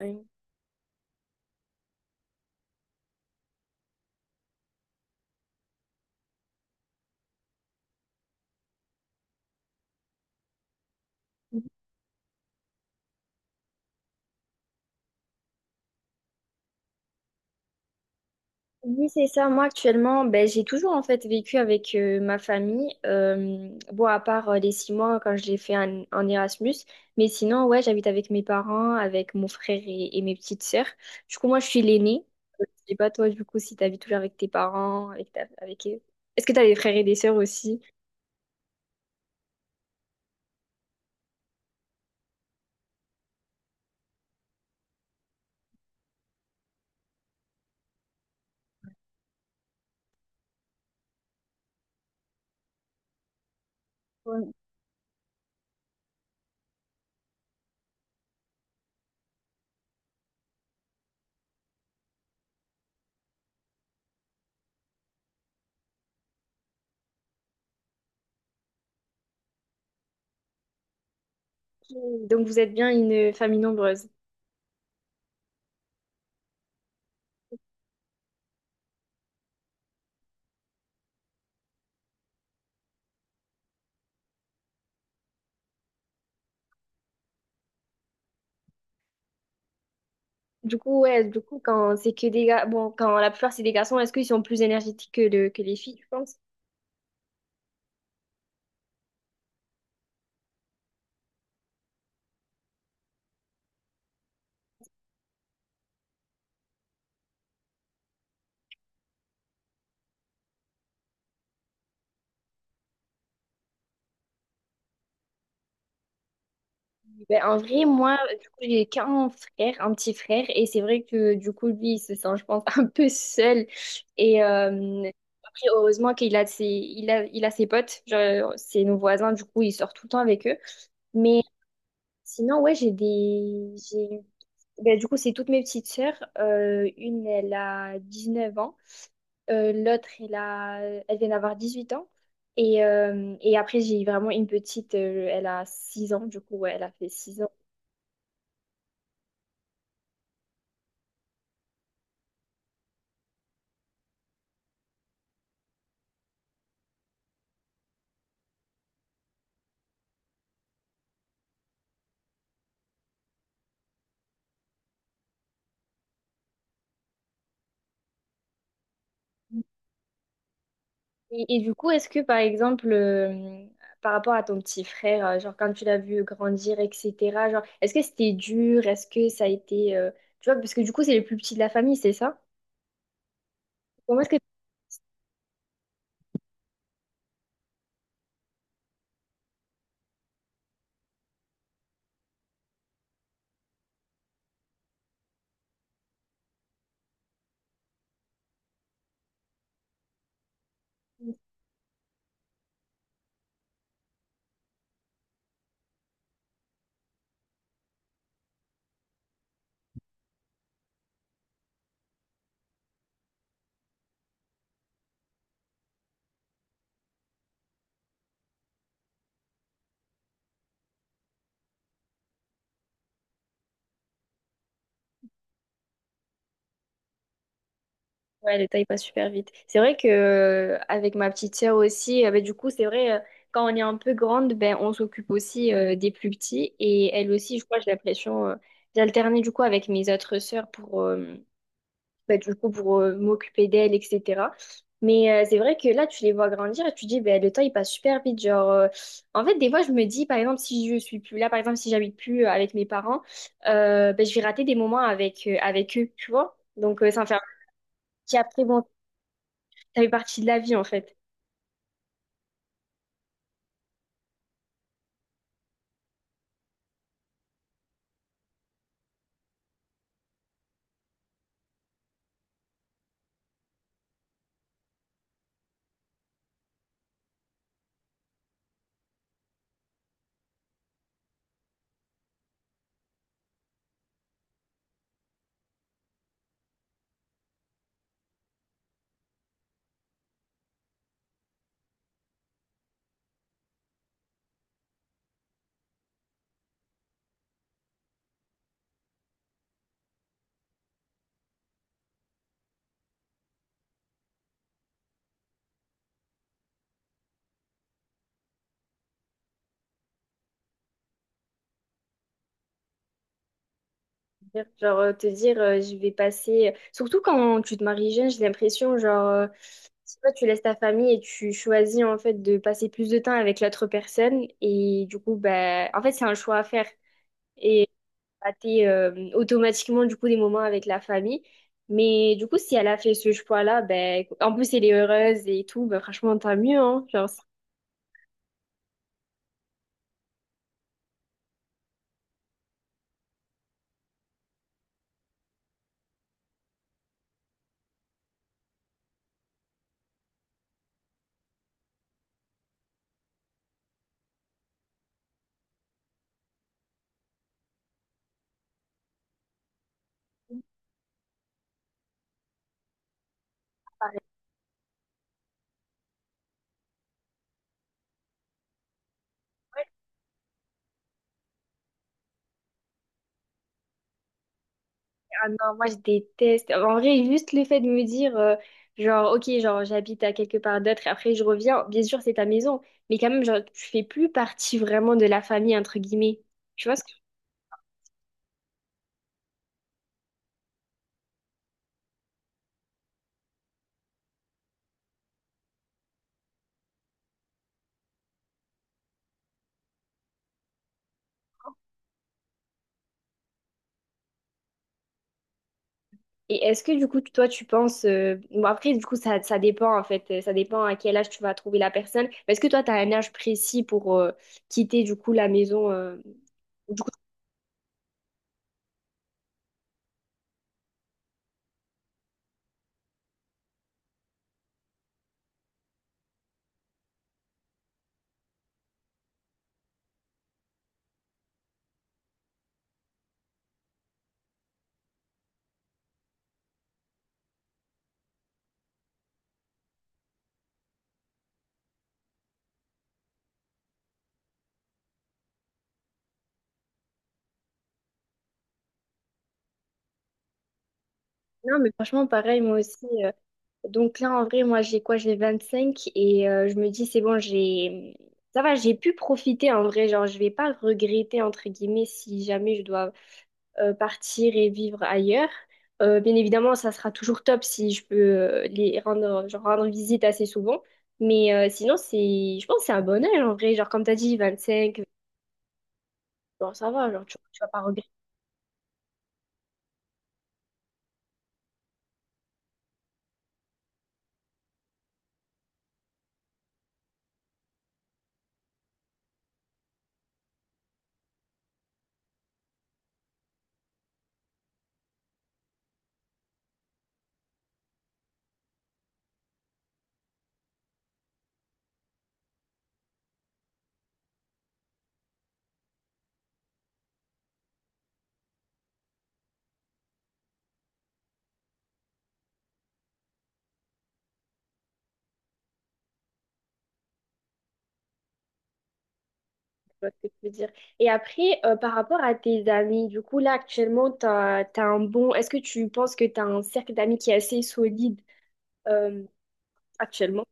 Oui, oui, c'est ça. Moi, actuellement, ben, j'ai toujours en fait vécu avec ma famille. Bon, à part les 6 mois quand je l'ai fait en Erasmus. Mais sinon, ouais, j'habite avec mes parents, avec mon frère et mes petites sœurs. Du coup, moi, je suis l'aînée. Je sais pas, toi, du coup, si t'habites toujours avec tes parents, avec, avec eux. Est-ce que t'as des frères et des sœurs aussi? Ok. Donc, vous êtes bien une famille nombreuse. Du coup, ouais, du coup, quand c'est que des gars, bon, quand la plupart c'est des garçons, est-ce qu'ils sont plus énergétiques que, que les filles, tu penses? Ben, en vrai, moi, du coup, j'ai qu'un frère, un petit frère, et c'est vrai que du coup, lui, il se sent, je pense, un peu seul. Et après, heureusement qu'il a ses, il a ses potes, genre, c'est nos voisins, du coup, il sort tout le temps avec eux. Mais sinon, ouais, j'ai des. J'ai... Ben, du coup, c'est toutes mes petites sœurs. Une, elle a 19 ans. L'autre, elle a... elle vient d'avoir 18 ans. Et après, j'ai vraiment une petite, elle a 6 ans, du coup, ouais, elle a fait 6 ans. Et du coup, est-ce que par exemple, par rapport à ton petit frère, genre quand tu l'as vu grandir, etc., genre, est-ce que c'était dur? Est-ce que ça a été, tu vois, parce que du coup, c'est le plus petit de la famille, c'est ça? Comment est-ce que. Ouais, le temps, il passe super vite. C'est vrai que avec ma petite sœur aussi, ben, du coup, c'est vrai, quand on est un peu grande, ben, on s'occupe aussi des plus petits. Et elle aussi, je crois, j'ai l'impression, d'alterner du coup avec mes autres sœurs pour, bah, du coup, pour m'occuper d'elle, etc. Mais c'est vrai que là, tu les vois grandir et tu te dis, bah, le temps, il passe super vite. Genre, en fait, des fois, je me dis, par exemple, si je suis plus là, par exemple, si j'habite plus avec mes parents, bah, je vais rater des moments avec, avec eux, tu vois. Donc, ça me fait un petit après, bon, ça fait partie de la vie, en fait. Genre, te dire, je vais passer. Surtout quand tu te maries jeune, j'ai l'impression, genre, je sais tu laisses ta famille et tu choisis, en fait, de passer plus de temps avec l'autre personne. Et du coup, ben, en fait, c'est un choix à faire. Et bah, t'es, automatiquement, du coup, des moments avec la famille. Mais du coup, si elle a fait ce choix-là, ben, en plus, elle est heureuse et tout, ben, franchement, tant mieux, hein. Genre, c'est- Ah non, moi je déteste. En vrai, juste le fait de me dire, genre, ok, genre j'habite à quelque part d'autre et après je reviens, bien sûr c'est ta maison, mais quand même, genre, tu fais plus partie vraiment de la famille, entre guillemets. Tu vois ce que... Et est-ce que du coup, toi, tu penses... Bon, après, du coup, ça dépend en fait, ça dépend à quel âge tu vas trouver la personne. Mais est-ce que toi, tu as un âge précis pour quitter du coup la maison du coup... Non, mais franchement, pareil, moi aussi. Donc là, en vrai, moi, j'ai quoi? J'ai 25 et je me dis, c'est bon, j'ai... Ça va, j'ai pu profiter en vrai. Genre, je vais pas regretter, entre guillemets, si jamais je dois partir et vivre ailleurs. Bien évidemment, ça sera toujours top si je peux les rendre, genre, rendre visite assez souvent. Mais sinon, c'est... je pense que c'est un bon âge en vrai. Genre, comme tu as dit, 25, bon, ça va, genre, tu vas pas vois ce que tu veux dire. Et après, par rapport à tes amis, du coup, là, actuellement, t'as, t'as un bon... Est-ce que tu penses que tu as un cercle d'amis qui est assez solide euh, actuellement?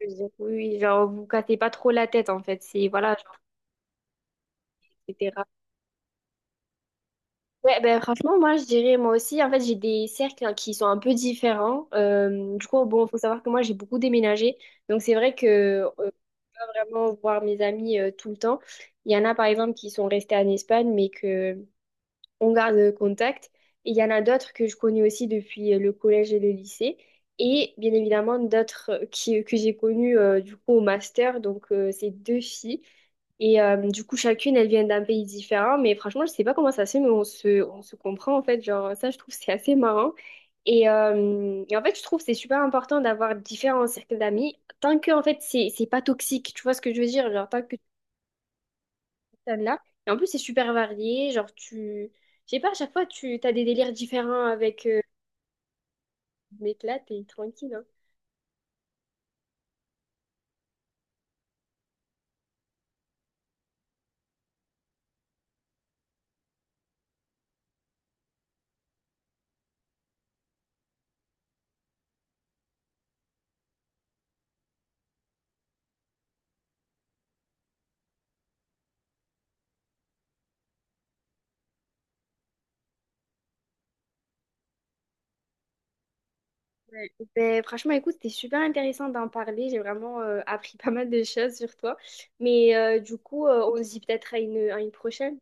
Je veux dire, oui, genre, vous cassez pas trop la tête, en fait. C'est, voilà, genre, etc. Ouais, ben franchement, moi, je dirais, moi aussi, en fait, j'ai des cercles hein, qui sont un peu différents. Du coup, bon, faut savoir que moi, j'ai beaucoup déménagé. Donc, c'est vrai que euh, pas vraiment voir mes amis tout le temps. Il y en a, par exemple, qui sont restés en Espagne, mais que... on garde contact. Et il y en a d'autres que je connais aussi depuis le collège et le lycée. Et bien évidemment, d'autres qui, que j'ai connues du coup au master. Donc, c'est deux filles. Et du coup, chacune, elle vient d'un pays différent. Mais franchement, je sais pas comment ça se fait, mais on se comprend en fait. Genre, ça, je trouve, c'est assez marrant. Et en fait, je trouve que c'est super important d'avoir différents cercles d'amis tant que en fait, c'est pas toxique. Tu vois ce que je veux dire? Genre, tant que celle-là. Et en plus, c'est super varié. Genre, tu. Je sais pas, à chaque fois, tu as des délires différents avec. Mais là, t'es tranquille, hein. Ouais. Ben, franchement, écoute, c'était super intéressant d'en parler. J'ai vraiment appris pas mal de choses sur toi. Mais du coup, on se dit peut-être à une prochaine.